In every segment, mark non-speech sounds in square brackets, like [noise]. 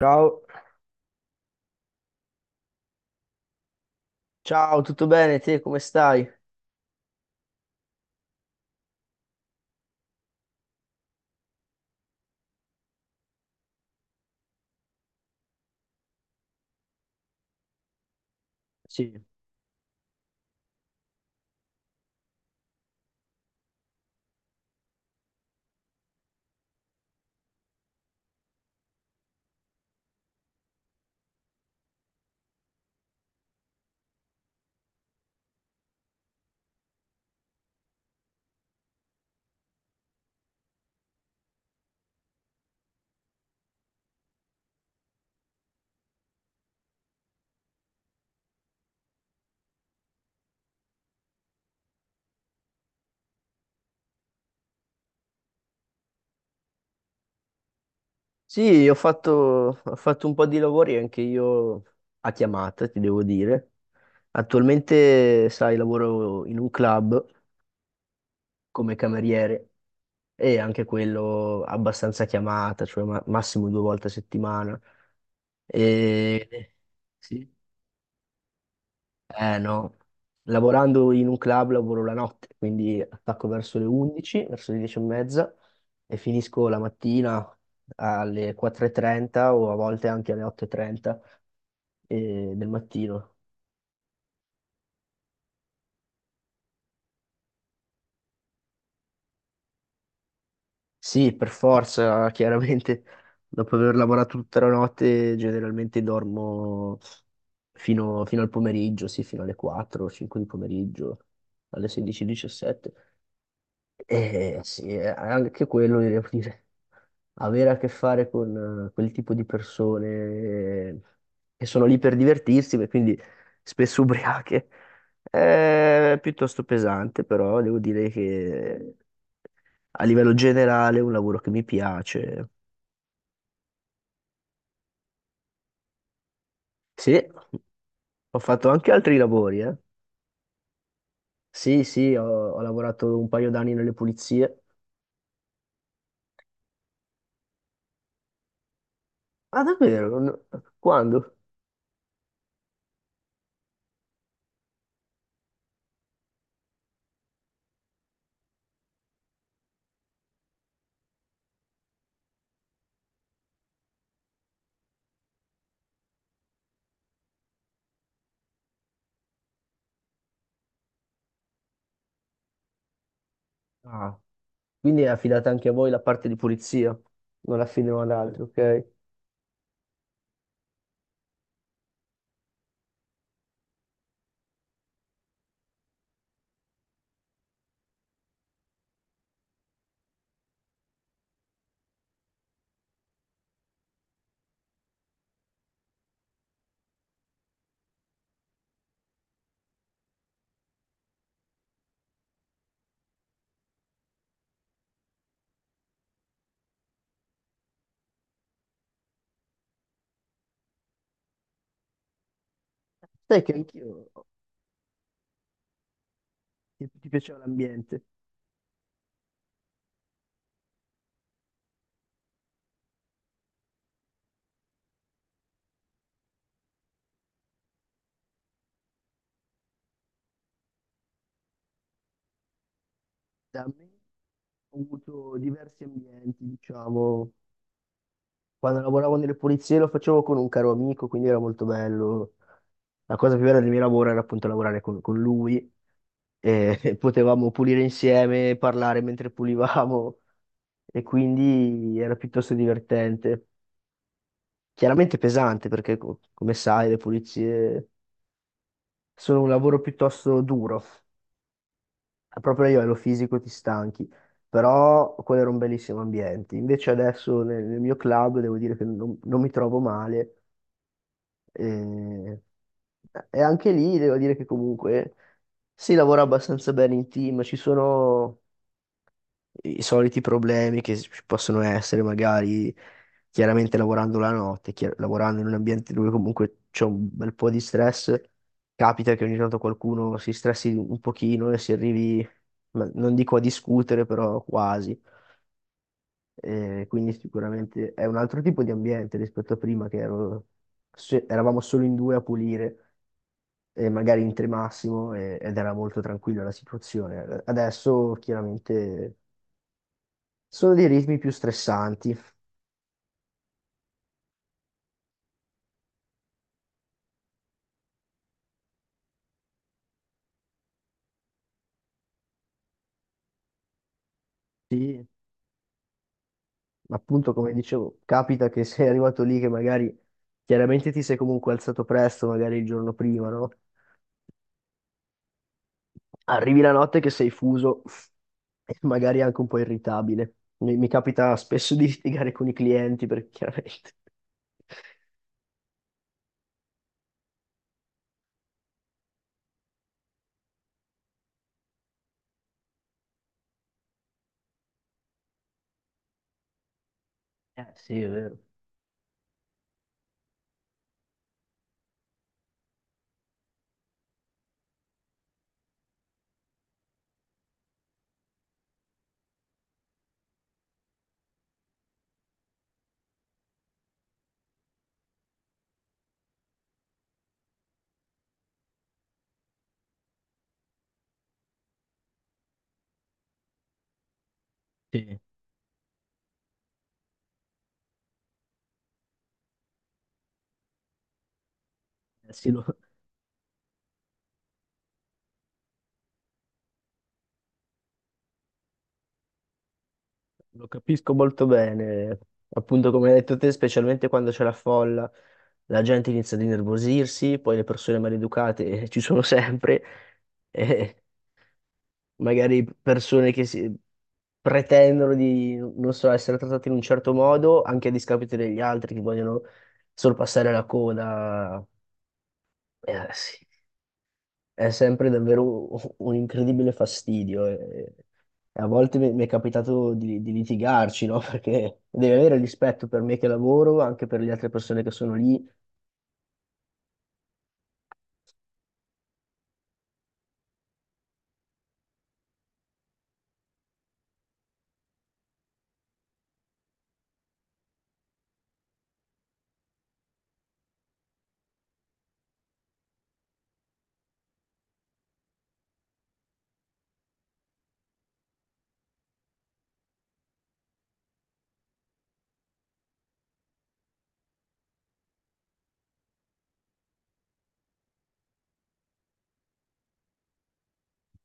Ciao, ciao, tutto bene? Te come stai? Sì, Sì, ho fatto un po' di lavori anche io a chiamata, ti devo dire. Attualmente, sai, lavoro in un club come cameriere e anche quello abbastanza a chiamata, cioè massimo due volte a settimana. E... Sì. Eh no, lavorando in un club lavoro la notte, quindi attacco verso le 11, verso le 10 e mezza e finisco la mattina alle 4.30 o a volte anche alle 8.30 del mattino. Sì, per forza, [laughs] chiaramente, dopo aver lavorato tutta la notte generalmente dormo fino al pomeriggio, sì, fino alle 4, 5 di pomeriggio, alle 16.17. E diciassette. Eh sì, anche quello devo dire. Avere a che fare con quel tipo di persone che sono lì per divertirsi, e quindi spesso [laughs] ubriache, è piuttosto pesante, però devo dire che a livello generale è un lavoro che mi piace. Sì, ho fatto anche altri lavori, eh. Sì, sì, ho lavorato un paio d'anni nelle pulizie. Ah, davvero? Quando? Ah, quindi è affidata anche a voi la parte di pulizia, non la affidano ad altri, ok? Sai che anch'io. Che ti piaceva l'ambiente? Da me ho avuto diversi ambienti, diciamo. Quando lavoravo nelle pulizie lo facevo con un caro amico, quindi era molto bello. La cosa più bella del mio lavoro era appunto lavorare con lui e [laughs] potevamo pulire insieme, parlare mentre pulivamo e quindi era piuttosto divertente. Chiaramente pesante perché, come sai, le pulizie sono un lavoro piuttosto duro. Proprio a livello fisico ti stanchi, però quello era un bellissimo ambiente. Invece adesso nel mio club devo dire che non mi trovo male e, e anche lì devo dire che comunque si lavora abbastanza bene in team, ci sono i soliti problemi che ci possono essere, magari chiaramente lavorando la notte, lavorando in un ambiente dove comunque c'è un bel po' di stress, capita che ogni tanto qualcuno si stressi un pochino e si arrivi, ma non dico a discutere, però quasi. Quindi sicuramente è un altro tipo di ambiente rispetto a prima che eravamo solo in due a pulire. E magari in tre massimo ed era molto tranquilla la situazione. Adesso chiaramente sono dei ritmi più stressanti. Sì, appunto, come dicevo, capita che [laughs] sei arrivato lì che magari chiaramente ti sei comunque alzato presto, magari il giorno prima, no? Arrivi la notte che sei fuso e magari anche un po' irritabile. Mi capita spesso di litigare con i clienti perché chiaramente. Sì, è vero. Sì. Eh sì. Lo capisco molto bene, appunto come hai detto te, specialmente quando c'è la folla, la gente inizia ad innervosirsi, poi le persone maleducate [laughs] ci sono sempre, e magari persone che pretendono di, non so, essere trattate in un certo modo, anche a discapito degli altri che vogliono sorpassare la coda. Sì, è sempre davvero un incredibile fastidio. E a volte mi è capitato di litigarci, no? [laughs] Perché devi avere rispetto per me che lavoro, anche per le altre persone che sono lì,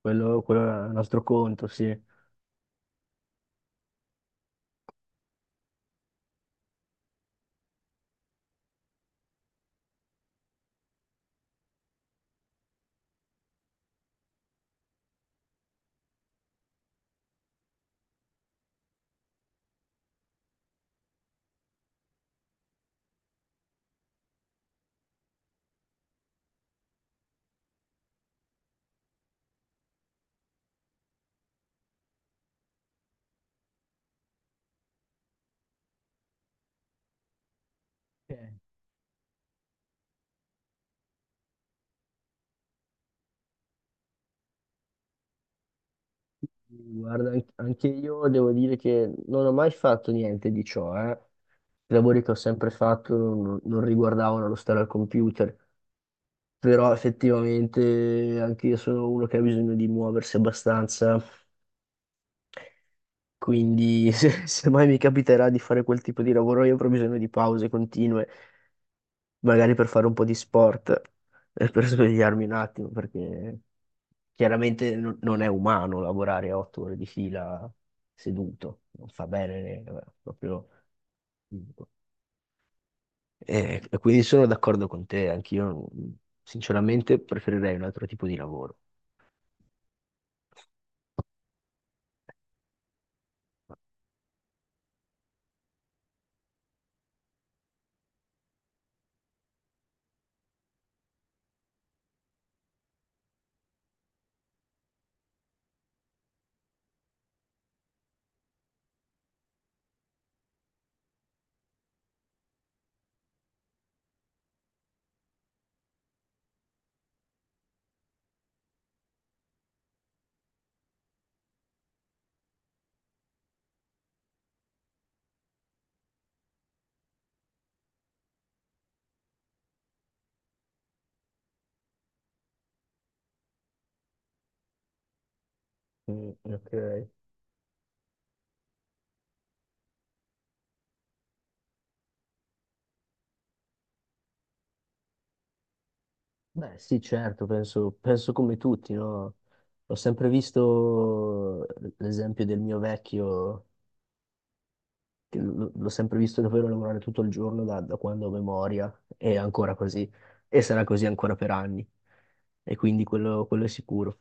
quello è un altro conto, sì. Ok. Guarda, anche io devo dire che non ho mai fatto niente di ciò, eh. I lavori che ho sempre fatto non riguardavano lo stare al computer, però effettivamente anche io sono uno che ha bisogno di muoversi abbastanza. Quindi [laughs] se mai mi capiterà di fare quel tipo di lavoro, io avrò bisogno di pause continue, magari per fare un po' di sport, per svegliarmi un attimo, perché chiaramente non è umano lavorare otto ore di fila seduto, non fa bene, proprio. E quindi sono d'accordo con te, anch'io sinceramente preferirei un altro tipo di lavoro. Mm, ok. Beh, sì, certo, penso come tutti, no? Ho sempre visto l'esempio del mio vecchio, che l'ho sempre visto davvero lavorare tutto il giorno da quando ho memoria, e ancora così, e sarà così ancora per anni, e quindi quello è sicuro.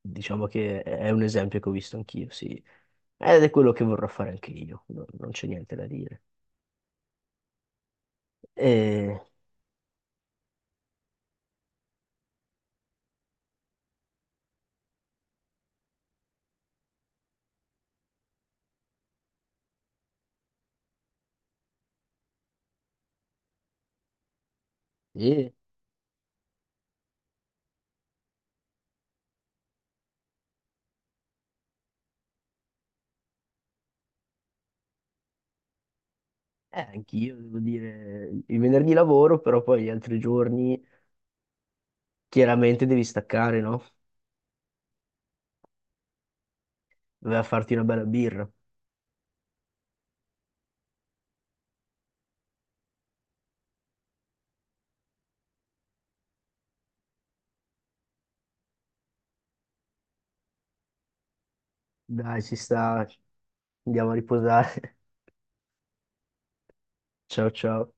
Diciamo che è un esempio che ho visto anch'io, sì, ed è quello che vorrò fare anche io, non c'è niente da dire. E, e anch'io, devo dire, il venerdì lavoro, però poi gli altri giorni chiaramente devi staccare, no? Doveva farti una bella birra. Dai, ci sta. Andiamo a riposare. [laughs] Ciao ciao.